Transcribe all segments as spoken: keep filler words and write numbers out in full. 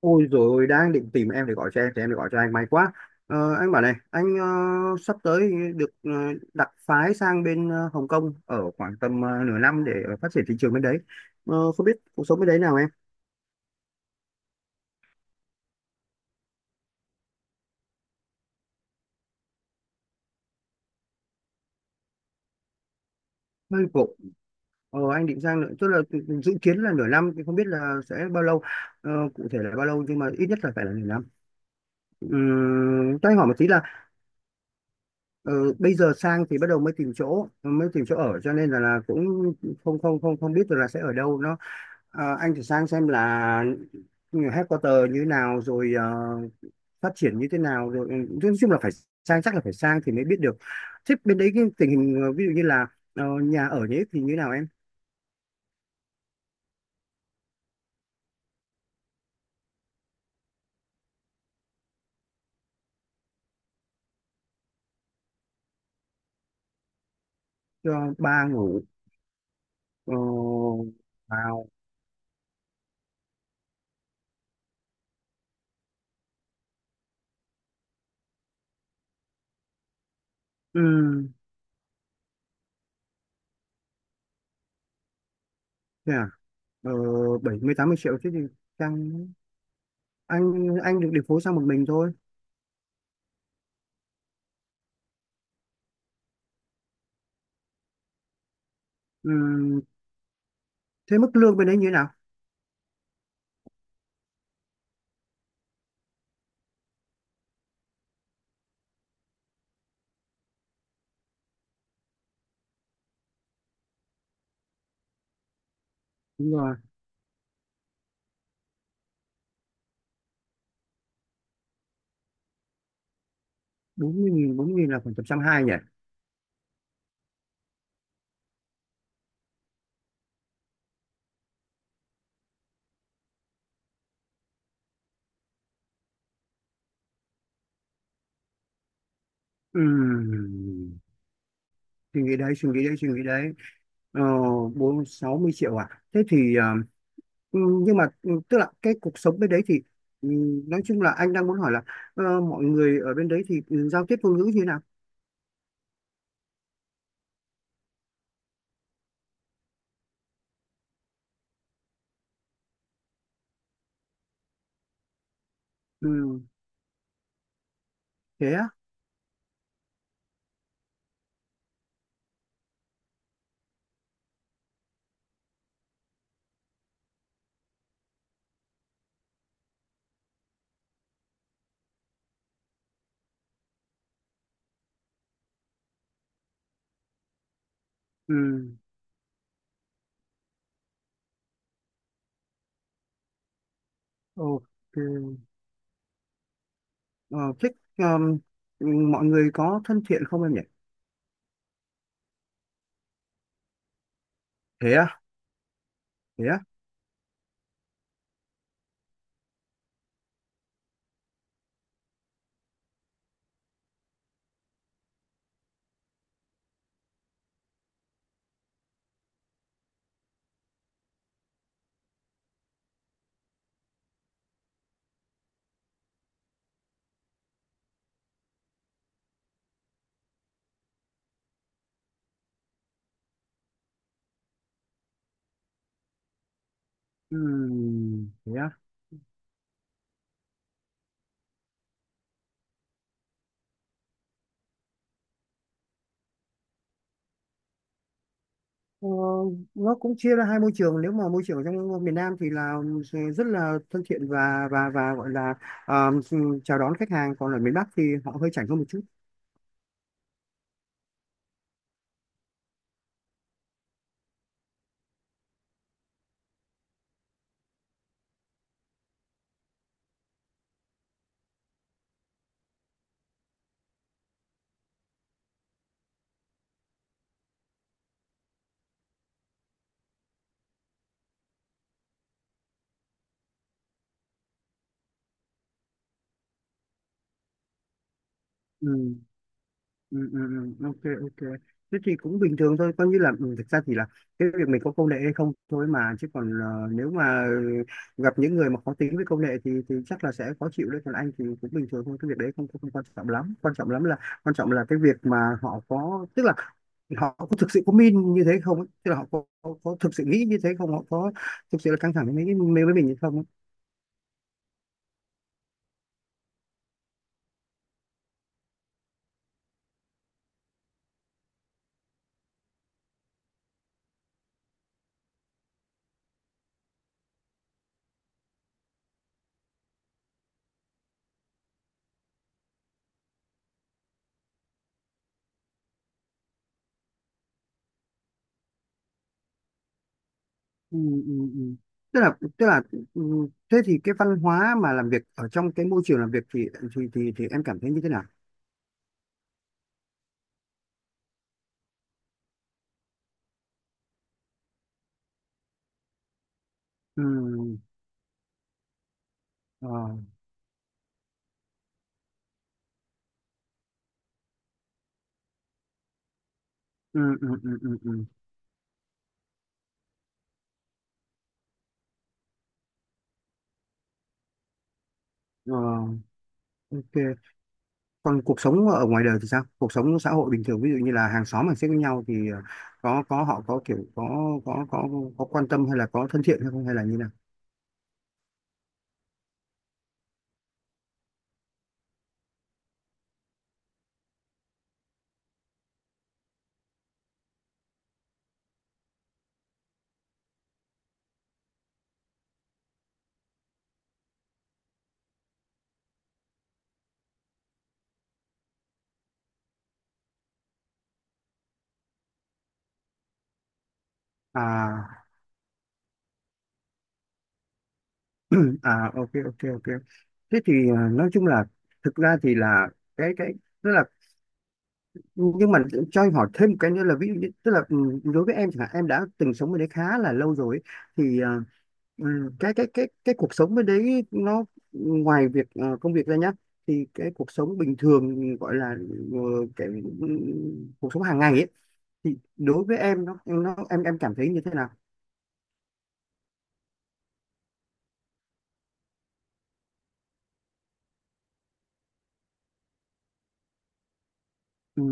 Ôi rồi ôi, đang định tìm em để gọi cho em thì em để gọi cho anh, may quá. Ờ, anh bảo này anh, ờ, sắp tới được ờ, đặc phái sang bên ờ, Hồng Kông ở khoảng tầm ờ, nửa năm để ờ, phát triển thị trường bên đấy. Ờ, không biết cuộc sống bên đấy nào em? Hơi vội. Ờ, anh định sang nữa, tức là dự kiến là nửa năm thì không biết là sẽ bao lâu, ờ, cụ thể là bao lâu, nhưng mà ít nhất là phải là nửa năm. Ừm, cho anh hỏi một tí là, ờ, bây giờ sang thì bắt đầu mới tìm chỗ mới tìm chỗ ở, cho nên là, là cũng không không không không biết được là sẽ ở đâu nó. Ờ, anh thử sang xem là headquarter như thế nào rồi, ờ, phát triển như thế nào rồi, ừ, nói chung là phải sang, chắc là phải sang thì mới biết được. Thế bên đấy cái tình hình, ờ, ví dụ như là ờ, nhà ở nhé, thì như thế nào em? Cho ba ngủ. Ờ, vào ừ, thế à? Ờ, bảy mươi tám mươi triệu chứ gì. Sang anh anh được điều phối sang một mình thôi. Ừ, thế mức lương bên đấy như thế nào? Đúng rồi, bốn mươi nghìn bốn mươi nghìn bốn mươi nghìn là khoảng tầm trăm hai nhỉ. Ừ, suy nghĩ đấy, suy nghĩ đấy, suy nghĩ đấy. Ờ, bốn sáu mươi triệu à? Thế thì ờ, ừ, nhưng mà ừ, tức là cái cuộc sống bên đấy thì ừ, nói chung là anh đang muốn hỏi là, ờ, mọi người ở bên đấy thì ừ, giao tiếp ngôn ngữ như thế nào? Ừ, thế á. Ừ, OK. Ờ, thích. Ừ, mọi người có thân thiện không em nhỉ? Thế á? Thế á? Ừ, thế á. Ờ, nó cũng chia ra hai môi trường. Nếu mà môi trường ở trong miền Nam thì là rất là thân thiện và và và gọi là ờ, chào đón khách hàng, còn ở miền Bắc thì họ hơi chảnh hơn một chút. Ừ. Ừ, ừ, ừ. OK, OK. Thế thì cũng bình thường thôi, coi như là ừ, thực ra thì là cái việc mình có công nghệ hay không thôi mà. Chứ còn ờ, nếu mà gặp những người mà khó tính với công nghệ thì thì chắc là sẽ khó chịu đấy. Còn anh thì cũng bình thường thôi, cái việc đấy không không, không quan trọng lắm. Quan trọng lắm là Quan trọng là cái việc mà họ có, tức là họ có thực sự có min như thế không ấy? Tức là họ có, có, có thực sự nghĩ như thế không, họ có thực sự là căng thẳng với mình với mình hay không ấy? Ừ, ừ, ừ. tức là tức là ừ, thế thì cái văn hóa mà làm việc ở trong cái môi trường làm việc thì thì thì, thì em cảm thấy như thế nào? Ừ, ờ, ừ, ừ, ừ, ừ, ừ. Ờ, OK. Còn cuộc sống ở ngoài đời thì sao? Cuộc sống xã hội bình thường, ví dụ như là hàng xóm hàng xếp với nhau thì ờ, có có họ có kiểu có có có có quan tâm hay là có thân thiện hay không hay là như nào? À. À, OK, OK, OK. Thế thì à, nói chung là, thực ra thì là cái cái tức là nhưng mà cho em hỏi thêm một cái nữa là. Ví dụ như tức là ừ, đối với em chẳng hạn, em đã từng sống bên đấy khá là lâu rồi ấy, thì à, ừ, cái cái cái cái cuộc sống bên đấy nó ngoài việc ờ, công việc ra nhá, thì cái cuộc sống bình thường gọi là ờ, cái ừ, cuộc sống hàng ngày ấy, thì đối với em nó nó em em cảm thấy như thế nào? Ừ.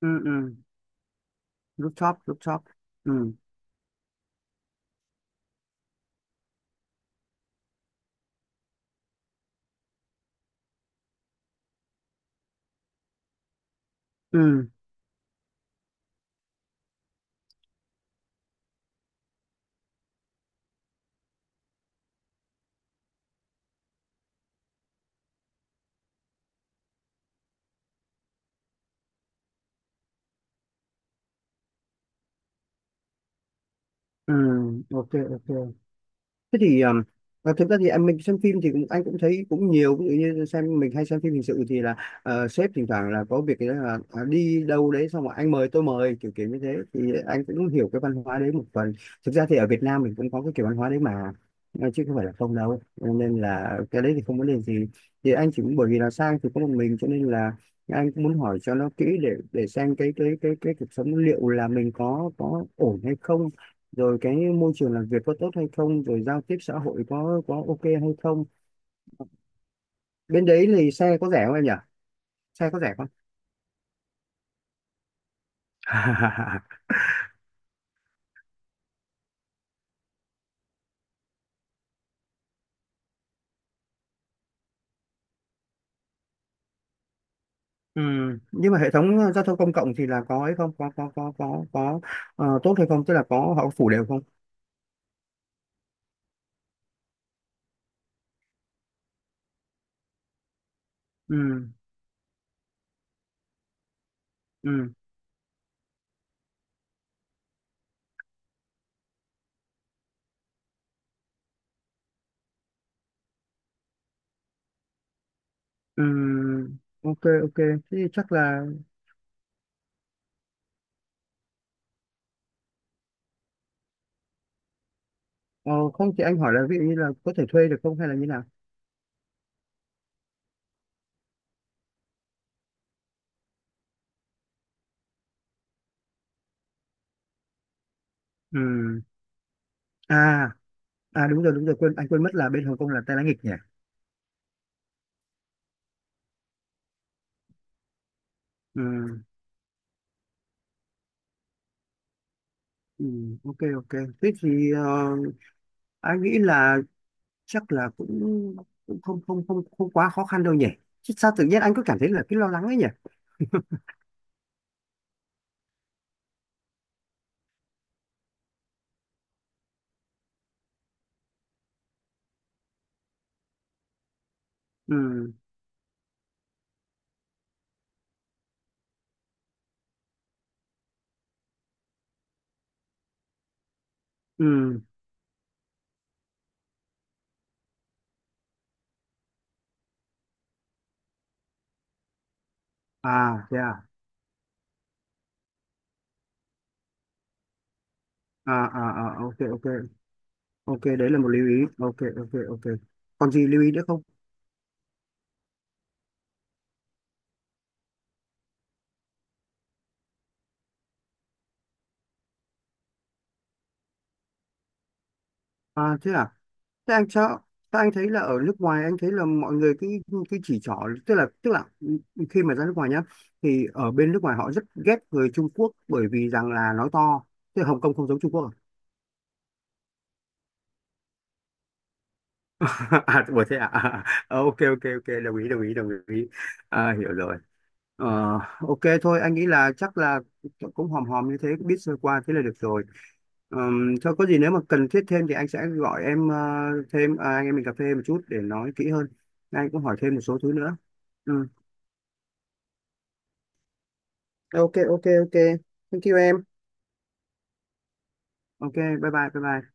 Ừ. Ừ. Rooftop, rooftop. Ừ. Ừ. Ừ, OK, OK. Thế thì um, à, thực ra thì em mình xem phim thì cũng, anh cũng thấy cũng nhiều. Ví dụ như xem mình hay xem phim hình sự thì là ờ, sếp thỉnh thoảng là có việc là à, đi đâu đấy xong rồi anh mời tôi mời kiểu kiểu như thế, thì anh cũng hiểu cái văn hóa đấy một phần. Thực ra thì ở Việt Nam mình cũng có cái kiểu văn hóa đấy mà, ờ, chứ không phải là không đâu, nên là cái đấy thì không vấn đề gì. Thì anh chỉ muốn, bởi vì là sang thì có một mình, cho nên là anh cũng muốn hỏi cho nó kỹ để để xem cái cái cái cái cuộc sống liệu là mình có có ổn hay không, rồi cái môi trường làm việc có tốt hay không, rồi giao tiếp xã hội có có OK hay không. Bên đấy thì xe có rẻ không em nhỉ? Xe có rẻ không? Ừ. Nhưng mà hệ thống giao thông công cộng thì là có hay không, có có có có có ờ, tốt hay không, tức là có họ có phủ đều không? Ừ. Ừ. Ừ. OK, OK. Thế thì chắc là, ờ, không thì anh hỏi là, ví dụ như là có thể thuê được không hay là như nào? Ừ. à à đúng rồi, đúng rồi, quên, anh quên mất là bên Hồng Kông là tay lái nghịch nhỉ. Ừ. Ừ. OK, OK. Thế thì ờ, anh nghĩ là chắc là cũng cũng không không không không quá khó khăn đâu nhỉ, chứ sao tự nhiên anh cứ cảm thấy là cái lo lắng ấy nhỉ? Ừ. Ừ. À, thế à? À, à, à, OK, OK, OK. Đấy là một lưu ý. OK, OK, OK. Còn gì lưu ý nữa không? À, thế à? thế anh cho, Thế anh thấy là ở nước ngoài anh thấy là mọi người cái cái chỉ trỏ, tức là tức là khi mà ra nước ngoài nhá thì ở bên nước ngoài họ rất ghét người Trung Quốc bởi vì rằng là nói to. Tức là Hồng Kông không giống Trung Quốc. À, ủa, thế à? À, à, Ờ, OK, OK, OK, đồng ý, đồng ý, đồng ý. À, hiểu rồi. Ờ, OK, thôi anh nghĩ là chắc là cũng hòm hòm như thế, biết sơ qua thế là được rồi. Ờm, thôi có gì nếu mà cần thiết thêm thì anh sẽ gọi em ờ, thêm, à, anh em mình cà phê một chút để nói kỹ hơn. Anh cũng hỏi thêm một số thứ nữa. Ừ. OK, OK, OK, thank you em. OK, bye bye bye bye.